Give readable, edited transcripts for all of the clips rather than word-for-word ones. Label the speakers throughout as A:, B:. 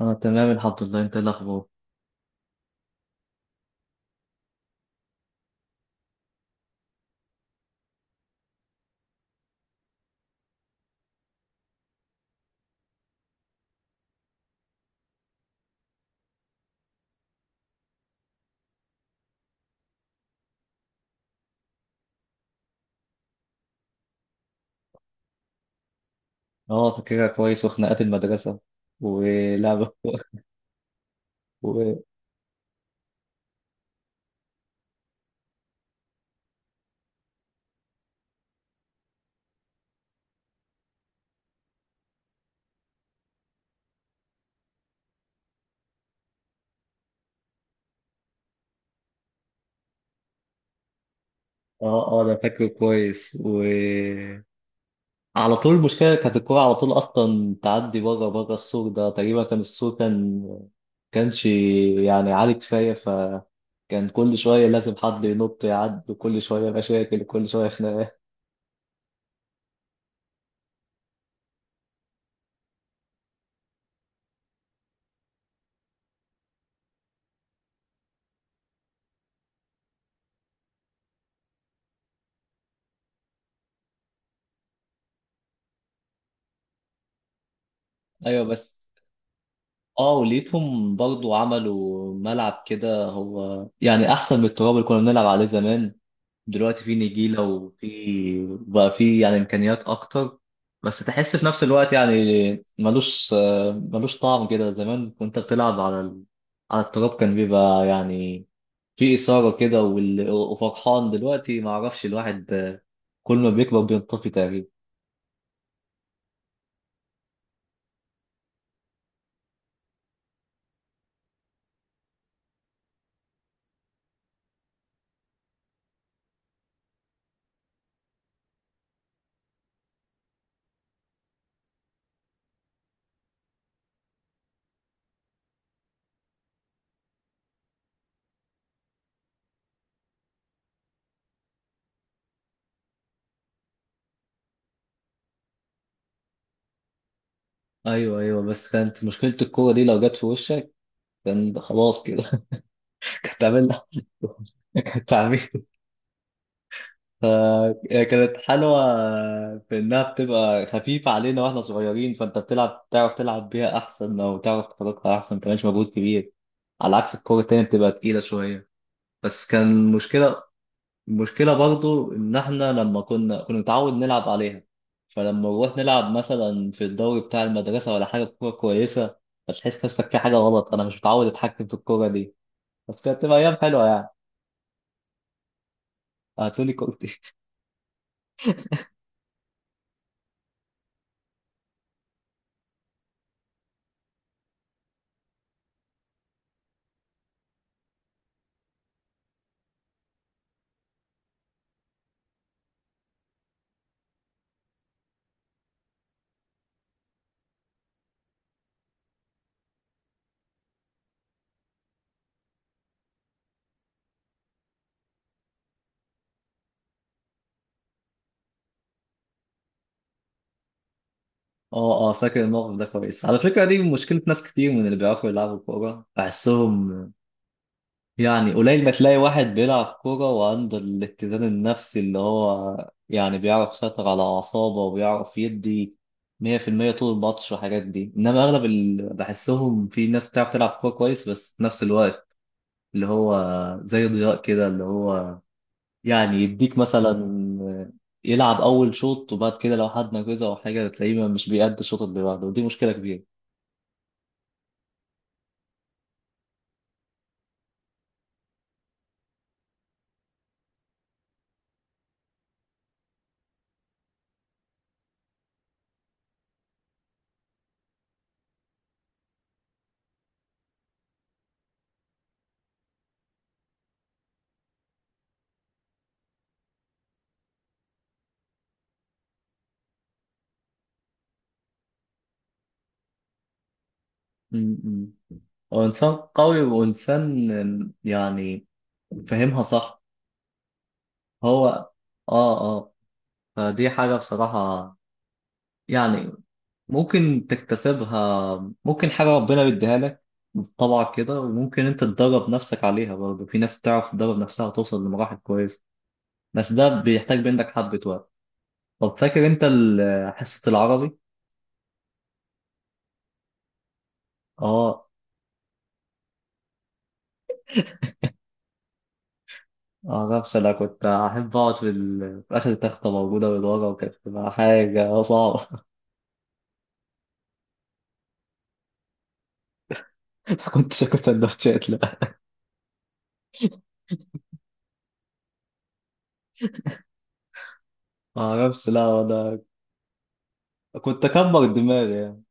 A: اه تمام، الحمد لله. انت ايه الاخبار؟ اه، فاكرها كويس، وخناقات المدرسه ولعبه و... اه انا فاكره كويس. و على طول المشكله كانت الكوره على طول اصلا تعدي بره السور ده. تقريبا كان السور كانش يعني عالي كفايه، فكان كل شويه لازم حد ينط يعدي، وكل شويه مشاكل، كل شويه خناقات. ايوه بس. اه، وليتهم برضو عملوا ملعب كده، هو يعني احسن من التراب اللي كنا بنلعب عليه زمان. دلوقتي في نجيلة وفي بقى في يعني إمكانيات أكتر. بس تحس في نفس الوقت يعني ملوش ملوش طعم كده. زمان كنت بتلعب على ال... على التراب، كان بيبقى يعني في إثارة كده. وال... وفرحان دلوقتي ما أعرفش الواحد كل ما بيكبر بينطفي تقريبا. أيوه أيوه، بس كانت مشكلة الكورة دي لو جت في وشك، كان خلاص كده. كانت تعمل تعميل. فكانت حلوة في إنها بتبقى خفيفة علينا وإحنا صغيرين، فأنت بتلعب تعرف تلعب بيها أحسن، أو تعرف تخترقها أحسن، ما كانش مجهود كبير على عكس الكورة التانية بتبقى تقيلة شوية. بس كان مشكلة، مشكلة برضو إن إحنا لما كنا نتعود نلعب عليها، فلما نروح نلعب مثلا في الدوري بتاع المدرسة ولا حاجة كورة كويسة، فتحس نفسك في حاجة غلط، أنا مش متعود أتحكم في الكورة دي. بس كانت تبقى أيام حلوة يعني. هاتولي كورة. اه فاكر الموقف ده كويس. على فكرة دي مشكلة ناس كتير من اللي بيعرفوا يلعبوا كورة بحسهم، يعني قليل ما تلاقي واحد بيلعب كورة وعنده الاتزان النفسي اللي هو يعني بيعرف يسيطر على أعصابه وبيعرف يدي 100% طول الماتش والحاجات دي. إنما أغلب اللي بحسهم في ناس بتعرف تلعب كورة كويس، بس في نفس الوقت اللي هو زي ضياء كده، اللي هو يعني يديك مثلا يلعب أول شوط، وبعد كده لو حد نجزه أو حاجة تلاقيه مش بيأدي الشوط اللي بعده، ودي مشكلة كبيرة. م-م. هو إنسان قوي وإنسان يعني فهمها صح. هو آه آه. فدي حاجة بصراحة يعني ممكن تكتسبها، ممكن حاجة ربنا بيديها لك طبعا كده، وممكن أنت تدرب نفسك عليها برضه، في ناس بتعرف تدرب نفسها وتوصل لمراحل كويسة. بس ده بيحتاج منك حبة وقت. طب فاكر أنت ال- حصة العربي؟ آه. آه نفس. أنا كنت أحب أقعد في, ال- في آخر تختة موجودة من ورا، وكانت بتبقى حاجة صعبة. كنت شكلت سندوتشات؟ لا. ما اعرفش. لا انا كنت اكبر دماغي يعني.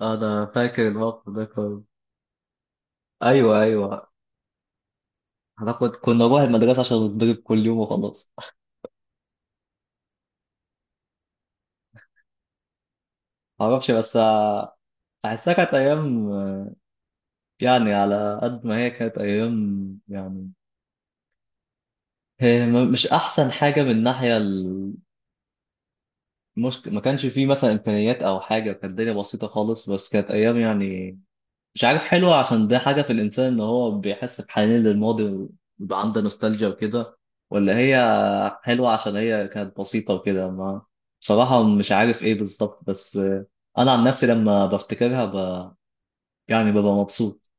A: انا فاكر الموقف ده كله. ايوه ايوه. انا كنت، كنا نروح المدرسه عشان نتضرب كل يوم وخلاص. ما اعرفش بس احسها كانت ايام يعني، على قد ما هي كانت ايام يعني، هي م- مش احسن حاجه من ناحيه المشكله ما كانش فيه مثلا امكانيات او حاجه، كانت الدنيا بسيطه خالص. بس كانت ايام يعني مش عارف حلوة عشان ده حاجة في الإنسان إن هو بيحس بحنين للماضي، ويبقى عنده نوستالجيا وكده، ولا هي حلوة عشان هي كانت بسيطة وكده. ما بصراحة مش عارف إيه بالظبط، بس أنا عن نفسي لما بفتكرها ب... يعني ببقى مبسوط.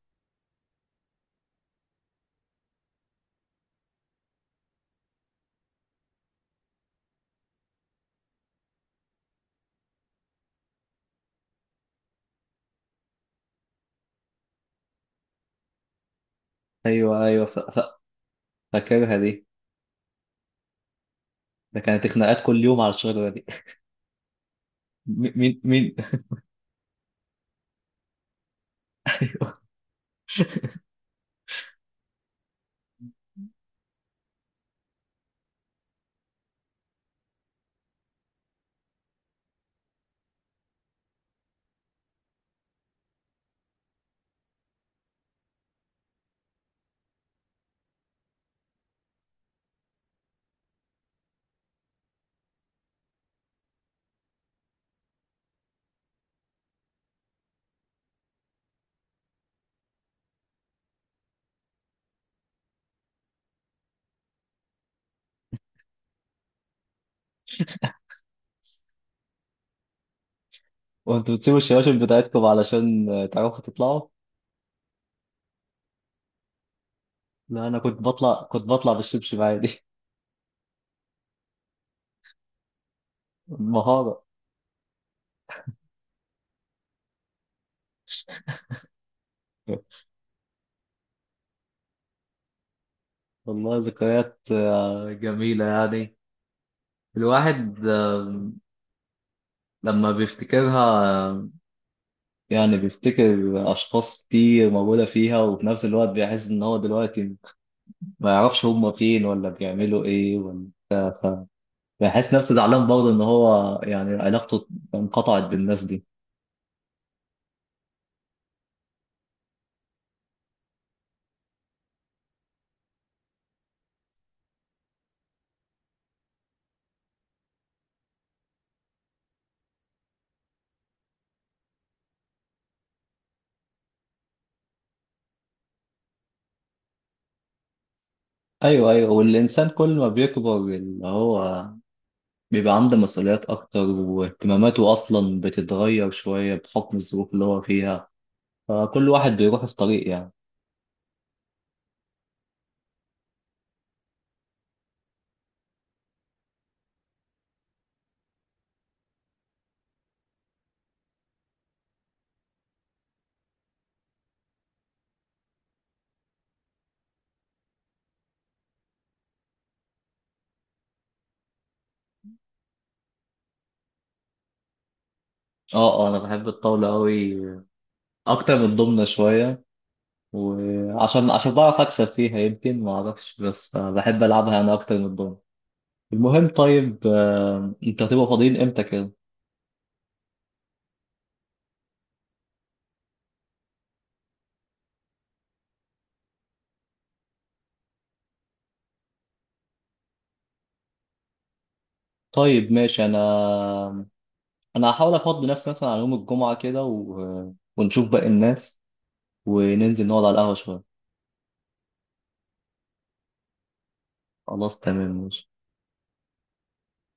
A: أيوه أيوه ف... ف... فاكرها دي. ده كانت خناقات كل يوم على الشجرة دي. م- مين مين. أيوه. وأنتوا بتسيبوا الشباشب بتاعتكم علشان تعرفوا تطلعوا؟ لا، أنا كنت بطلع، كنت بطلع بالشبشب عادي. مهارة. والله ذكريات جميلة يعني. الواحد لما بيفتكرها آه، يعني بيفتكر أشخاص كتير موجودة فيها، وفي نفس الوقت بيحس إن هو دلوقتي ما يعرفش هما فين ولا بيعملوا إيه، ولا بيحس نفسه زعلان برضه إن هو يعني علاقته انقطعت بالناس دي. أيوه أيوه. والإنسان كل ما بيكبر اللي هو بيبقى عنده مسؤوليات أكتر، واهتماماته أصلا بتتغير شوية بحكم الظروف اللي هو فيها، فكل واحد بيروح في طريق يعني. اه اه انا بحب الطاولة قوي، اكتر من الضمنة شوية. وعشان بعرف اكسب فيها، يمكن ما اعرفش، بس آه، بحب العبها انا اكتر من الضمنة. المهم، طيب آه، انت هتبقى فاضيين امتى كده؟ طيب ماشي. انا هحاول افضي نفسي مثلا على يوم الجمعة كده، و... ونشوف باقي الناس وننزل نقعد على القهوة شوية. خلاص تمام، ماشي.